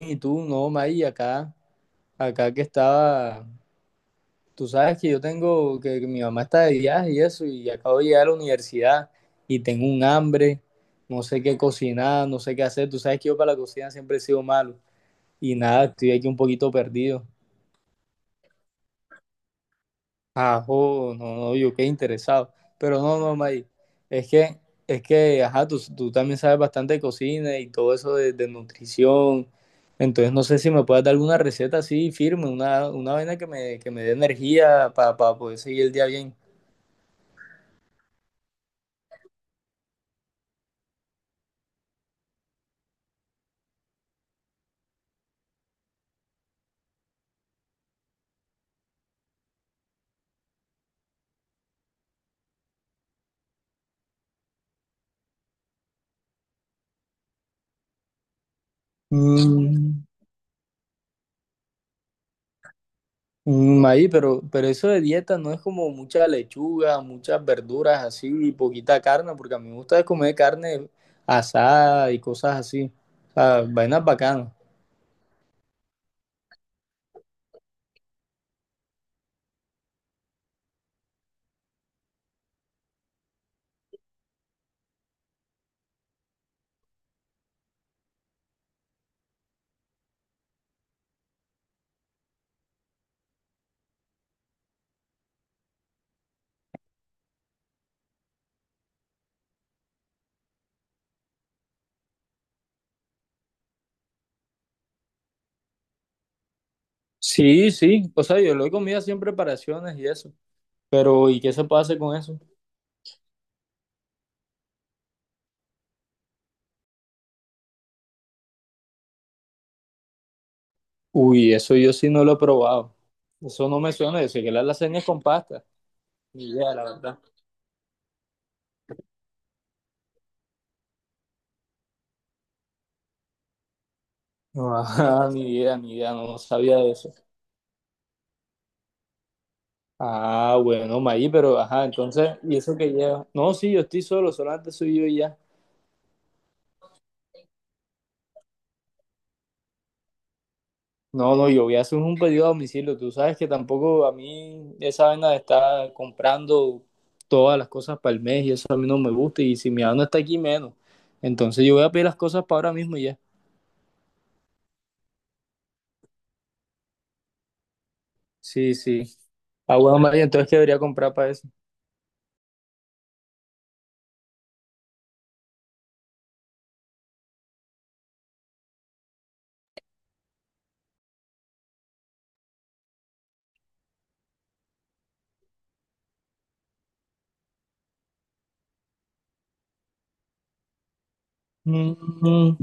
Y tú, no, May, acá, acá que estaba, tú sabes que yo tengo, que mi mamá está de viaje y eso, y acabo de llegar a la universidad y tengo un hambre, no sé qué cocinar, no sé qué hacer, tú sabes que yo para la cocina siempre he sido malo y nada, estoy aquí un poquito perdido. Ajá, no, no, yo qué interesado. Pero no, no, May, es que, ajá, tú también sabes bastante de cocina y todo eso de nutrición. Entonces, no sé si me puedes dar alguna receta así firme, una vaina que me dé energía para poder seguir el día bien. Mm, mm, May, pero eso de dieta no es como mucha lechuga, muchas verduras así y poquita carne, porque a mí me gusta comer carne asada y cosas así. O sea, vainas bacanas. Sí, sí, o sea, yo lo he comido así en preparaciones y eso, pero ¿y qué se puede hacer con eso? Uy, eso yo sí no lo he probado, eso no me suena, yo sé que la lasaña es con pasta, ni idea, la verdad. No, ajá, ni idea, ni idea, no sabía de eso. Ah, bueno, Maí, pero ajá, entonces, ¿y eso que lleva? No, sí, yo estoy solo, solamente soy yo y ya. No, no, yo voy a hacer un pedido a domicilio. Tú sabes que tampoco a mí esa vaina de estar comprando todas las cosas para el mes y eso a mí no me gusta. Y si mi mamá no está aquí, menos. Entonces yo voy a pedir las cosas para ahora mismo y ya. Sí, sí. Ah, bueno, María, entonces ¿qué debería comprar para eso? Mm.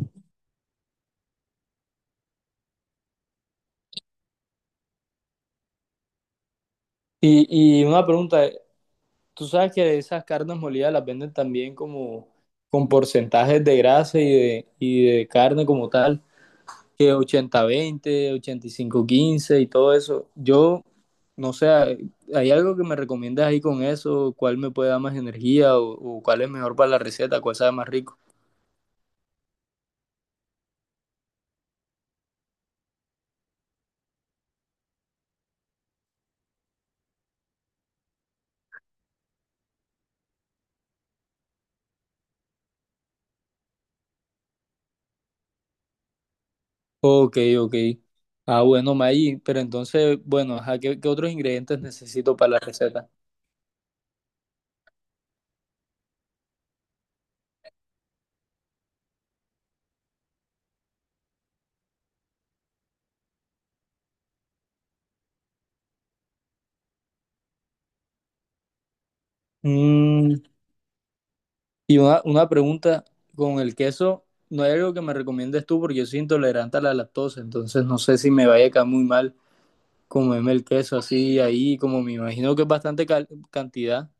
Y una pregunta, tú sabes que esas carnes molidas las venden también como con porcentajes de grasa y de carne como tal. Que 80-20, 85-15 y todo eso. Yo, no sé, ¿hay algo que me recomiendas ahí con eso? ¿Cuál me puede dar más energía o cuál es mejor para la receta? ¿Cuál sabe más rico? Ok, ok. Ah, bueno, Maggi, pero entonces, bueno, ajá, ¿qué, qué otros ingredientes necesito para la receta? Mm, y una pregunta con el queso, ¿no hay algo que me recomiendes tú? Porque yo soy intolerante a la lactosa, entonces no sé si me vaya a caer muy mal comerme el queso así ahí, como me imagino que es bastante cantidad.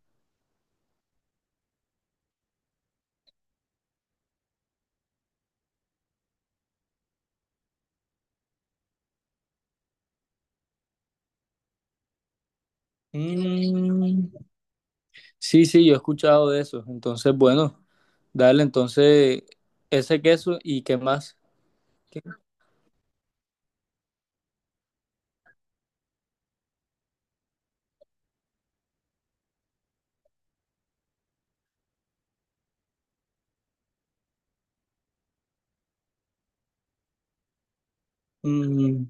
Mm, sí, sí, yo he escuchado de eso. Entonces, bueno, dale entonces ese queso y qué más. ¿Qué? Mm,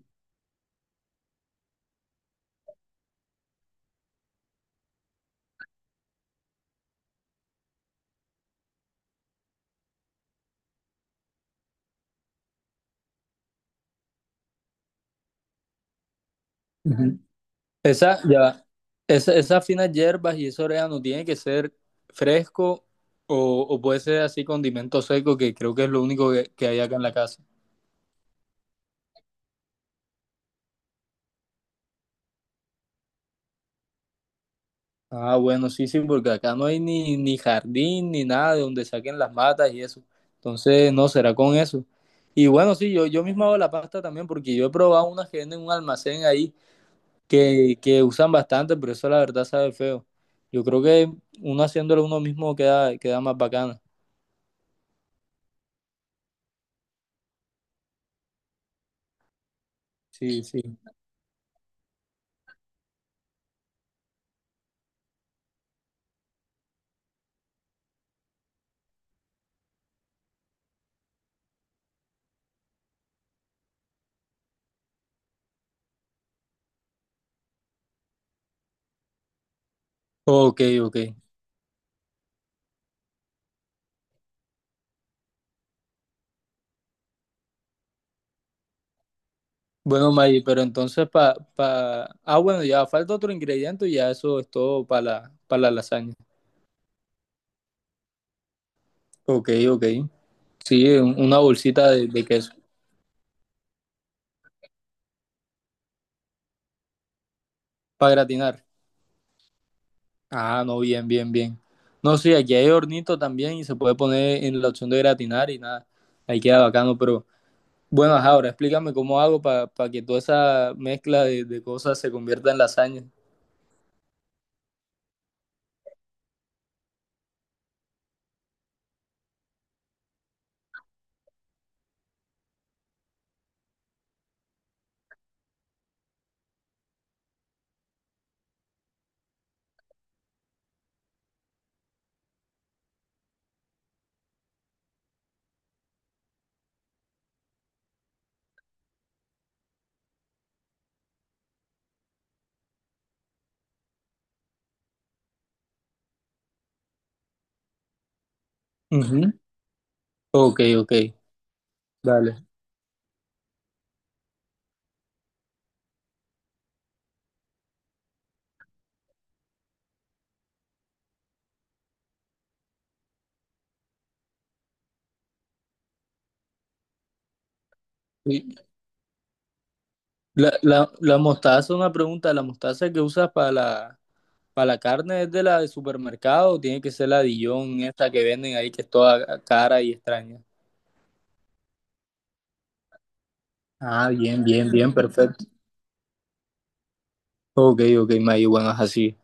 ujú. Esa, ya, va. Esa, esas finas hierbas y ese orégano tiene que ser fresco o puede ser así condimento seco, que creo que es lo único que hay acá en la casa. Ah, bueno, sí, sí, porque acá no hay ni, ni jardín ni nada de donde saquen las matas y eso. Entonces, no, será con eso. Y bueno, sí, yo mismo hago la pasta también porque yo he probado unas que venden en un almacén ahí que usan bastante, pero eso la verdad sabe feo. Yo creo que uno haciéndolo uno mismo queda, queda más bacana. Sí, sí. Ok, ok. Bueno, May, pero entonces Ah, bueno, ya falta otro ingrediente y ya eso es todo para la lasaña. Ok, ok. Sí, una bolsita de queso para gratinar. Ah, no, bien, bien, bien. No, sí, aquí hay hornito también y se puede poner en la opción de gratinar y nada. Ahí queda bacano, pero bueno, ajá, ahora explícame cómo hago para que toda esa mezcla de cosas se convierta en lasaña. Ujú. Ok, ok, dale. Y la mostaza, una pregunta, ¿la mostaza que usas para la carne es de la de supermercado o tiene que ser la Dijon, esta que venden ahí que es toda cara y extraña? Ah, bien, bien, bien, perfecto. Ok, ok, mayuganas así.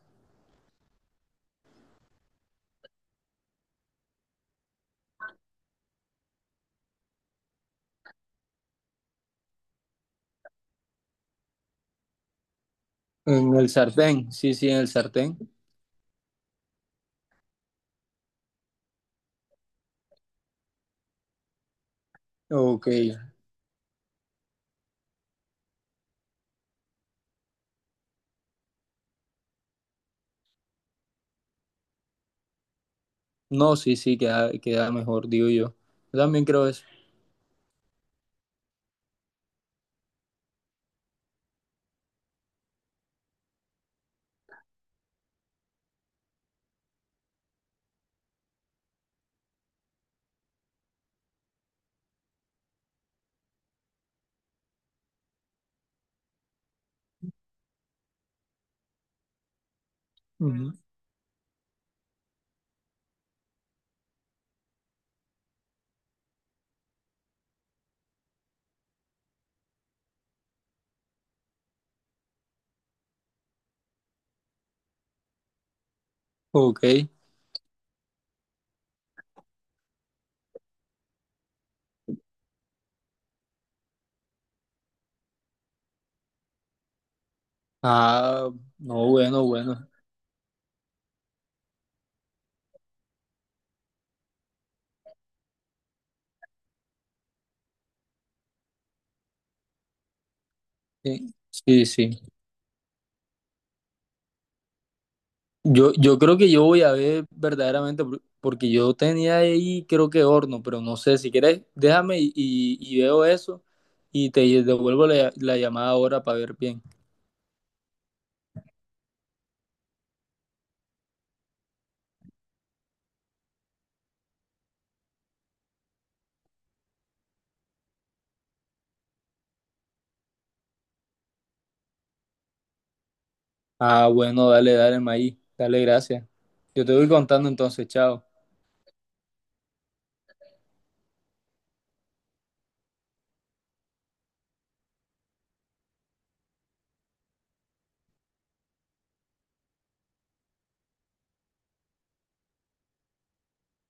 En el sartén, sí, sí, en el sartén. Ok. No, sí, sí, queda, queda mejor, digo yo. Yo también creo eso. Ujú. Ok. Ah, no, bueno, bueno. Sí, sí, sí. Yo creo que yo voy a ver verdaderamente, porque yo tenía ahí, creo que horno, pero no sé, si quieres, déjame y, y veo eso y te devuelvo la, la llamada ahora para ver bien. Ah, bueno, dale, dale, Maí. Dale, gracias. Yo te voy contando entonces, chao.